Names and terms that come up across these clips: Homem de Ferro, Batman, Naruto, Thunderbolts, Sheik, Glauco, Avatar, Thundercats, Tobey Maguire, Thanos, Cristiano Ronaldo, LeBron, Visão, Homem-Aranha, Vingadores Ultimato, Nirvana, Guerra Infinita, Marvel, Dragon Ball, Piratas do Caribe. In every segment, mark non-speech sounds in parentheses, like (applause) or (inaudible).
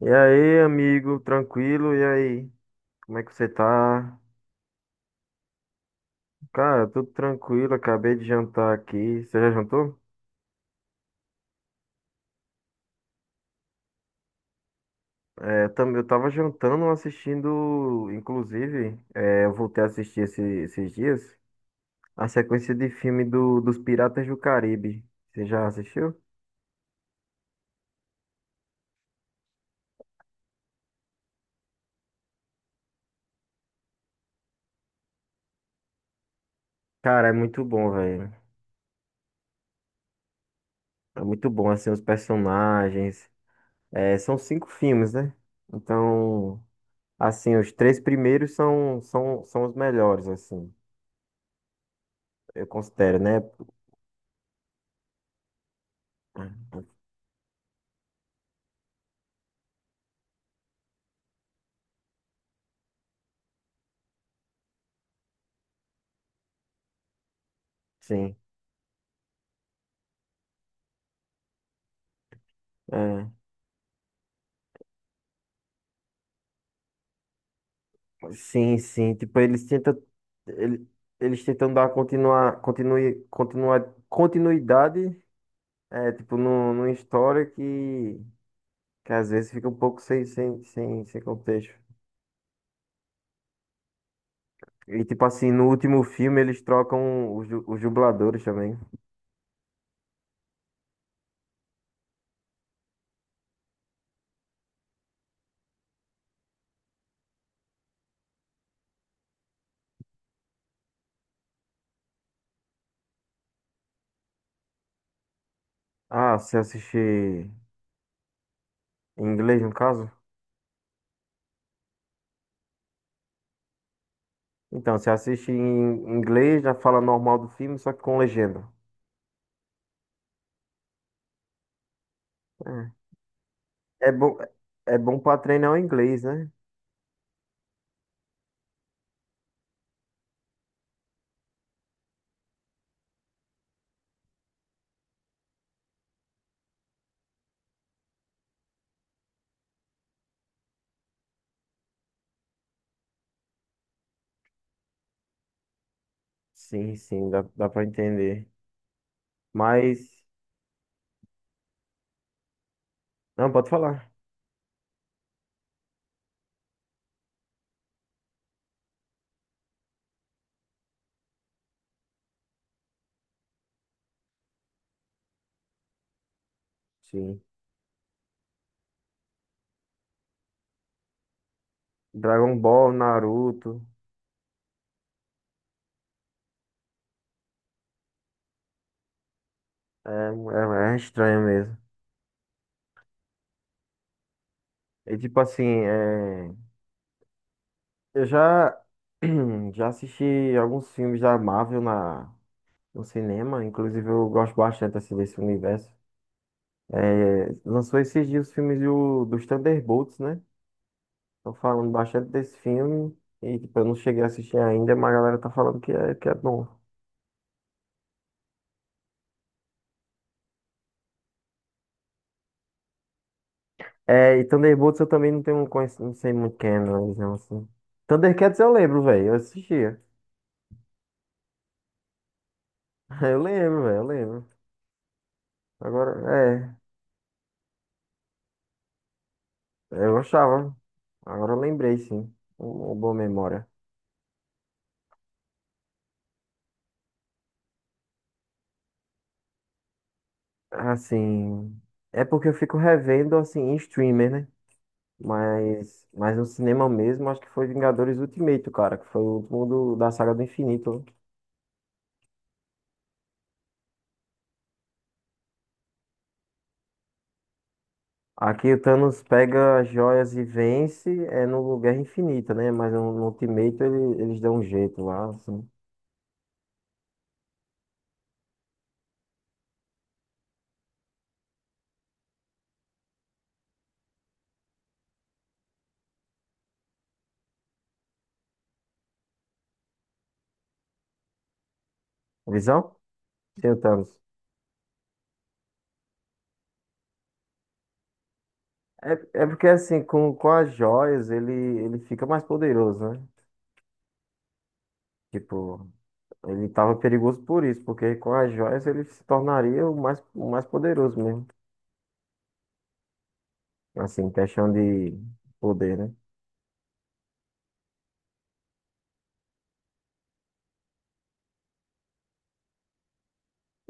E aí, amigo, tranquilo? E aí, como é que você tá? Cara, tudo tranquilo, acabei de jantar aqui. Você já jantou? É, eu também, eu tava jantando, assistindo, inclusive, eu voltei a assistir esses dias, a sequência de filme dos Piratas do Caribe. Você já assistiu? Cara, é muito bom, velho. É muito bom, assim, os personagens. É, são cinco filmes, né? Então, assim, os três primeiros são os melhores, assim, eu considero, né? Sim, é. Sim, sim. Tipo, eles tentam, ele- eles tentam dar continuidade, é, tipo, no, numa história que às vezes fica um pouco sem contexto. E, tipo assim, no último filme eles trocam os dubladores também. Ah, você assiste em inglês, no caso? Então, você assiste em inglês, já fala normal do filme, só que com legenda. É, é bom pra treinar o inglês, né? Sim, sim, dá pra entender. Mas. Não, pode falar. Sim. Dragon Ball, Naruto. É estranho mesmo. E tipo assim, é, eu já, (clears throat) já assisti alguns filmes da Marvel no cinema. Inclusive, eu gosto bastante assim, desse universo. É, lançou esses dias os filmes dos Thunderbolts, né? Estão falando bastante desse filme. E tipo, eu não cheguei a assistir ainda, mas a galera tá falando que é bom. É, e Thunderbolts eu também não tenho um não sei muito quem é, não, eles não, assim. Thundercats eu lembro, velho, eu assistia. (laughs) Eu lembro, velho, eu lembro. Agora, é, eu gostava. Agora eu lembrei, sim. Uma boa memória. Assim, é porque eu fico revendo, assim, em streamer, né? Mas no cinema mesmo, acho que foi Vingadores Ultimato, cara, que foi o último da saga do infinito, né? Aqui o Thanos pega as joias e vence, é no Guerra Infinita, né? Mas no Ultimato eles dão um jeito lá, assim. Visão? Sim, o Thanos. É, é porque assim, com as joias ele fica mais poderoso, né? Tipo, ele tava perigoso por isso, porque com as joias ele se tornaria o mais poderoso mesmo. Assim, questão de poder, né?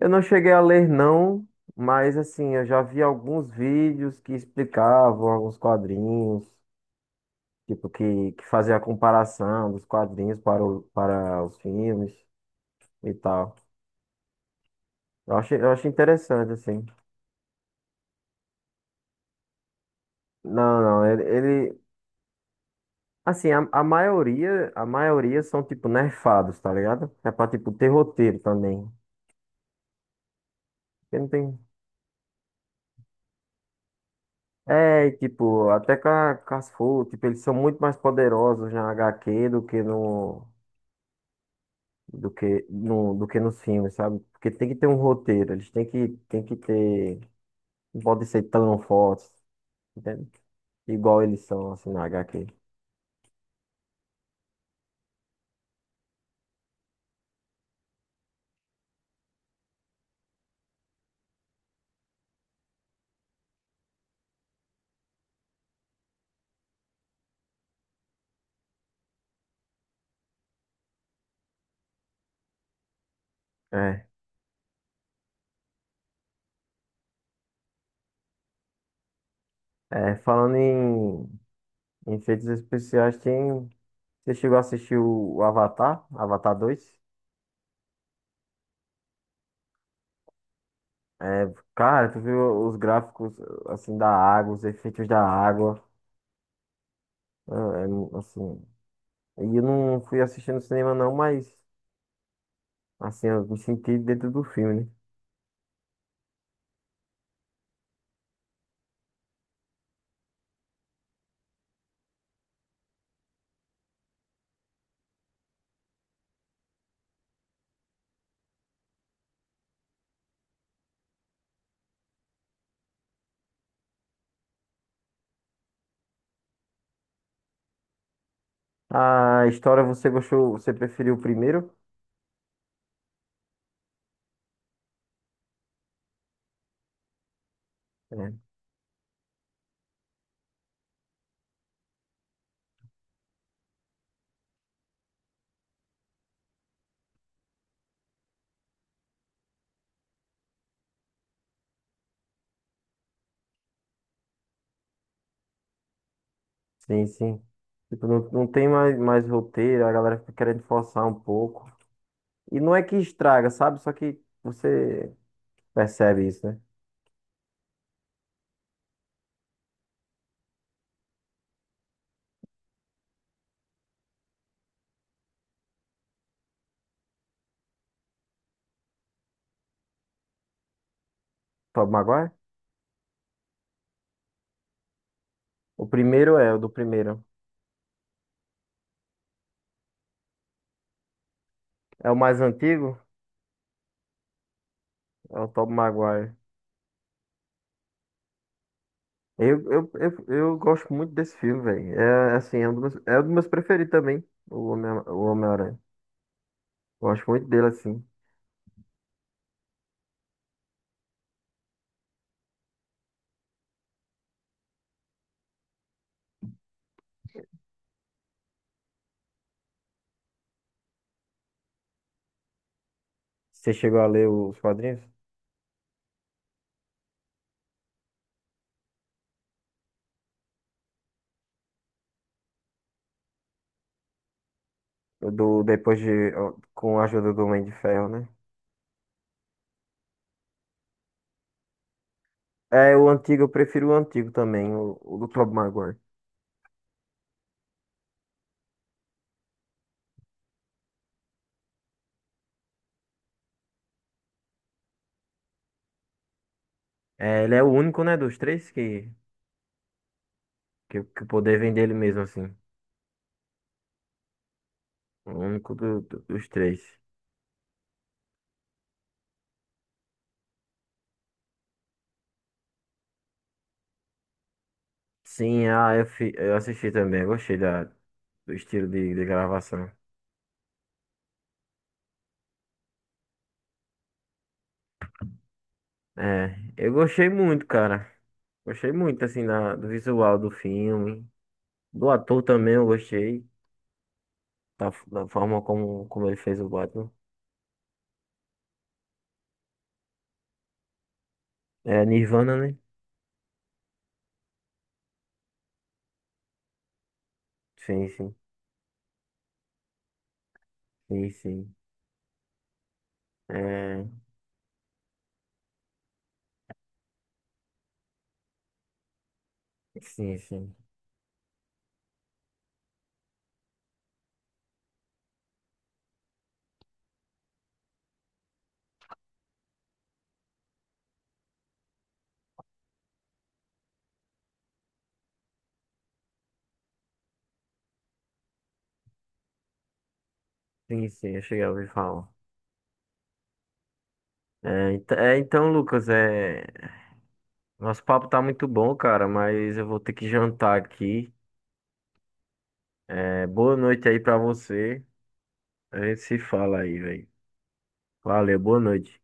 Eu não cheguei a ler, não, mas assim, eu já vi alguns vídeos que explicavam, alguns quadrinhos. Tipo, que fazia a comparação dos quadrinhos para, o, para os filmes e tal. Eu achei interessante, assim. Não, não, ele- Assim, a maioria são, tipo, nerfados, tá ligado? É pra, tipo, ter roteiro também. Porque não tem… É, e, tipo, até com com as tipo, eles são muito mais poderosos na HQ do que no… Do que, no, do que nos filmes, sabe? Porque tem que ter um roteiro, tem que ter. Não pode ser tão forte, entende? Igual eles são, assim, na HQ. É, é, falando em, em efeitos especiais, tem… Você chegou a assistir o Avatar, Avatar dois? É, cara, tu viu os gráficos, assim, da água, os efeitos da água, é, assim… E eu não fui assistindo cinema não, mas, assim, eu me senti dentro do filme, né? A história, você gostou, você preferiu o primeiro? É, sim, sim. Tipo, não, não tem mais roteiro, a galera fica querendo forçar um pouco. E não é que estraga, sabe? Só que você percebe isso, né? Tobey Maguire? O primeiro é, o do primeiro. É o mais antigo? É o Tobey Maguire. Eu gosto muito desse filme, velho. É assim, é um dos meus preferidos também, o Homem-Aranha. Gosto muito dele, assim. Você chegou a ler os quadrinhos? Do, depois de. Com a ajuda do Homem de Ferro, né? É, o antigo, eu prefiro o antigo também, o do Tobey Maguire. É, ele é o único, né, dos três que o poder vem dele mesmo, assim. O único dos três. Sim, ah, eu assisti também. Eu gostei da, do estilo de gravação. É, eu gostei muito, cara. Gostei muito, assim, da, do visual do filme. Do ator também eu gostei. Da, da forma como, como ele fez o Batman. É, Nirvana, né? Sim, sim. Sim, sim. É, sim, sim. Sim, sim, eu cheguei a ouvir falar. É, é, então, Lucas, é, nosso papo tá muito bom, cara, mas eu vou ter que jantar aqui. É, boa noite aí pra você. A gente se fala aí, velho. Valeu, boa noite.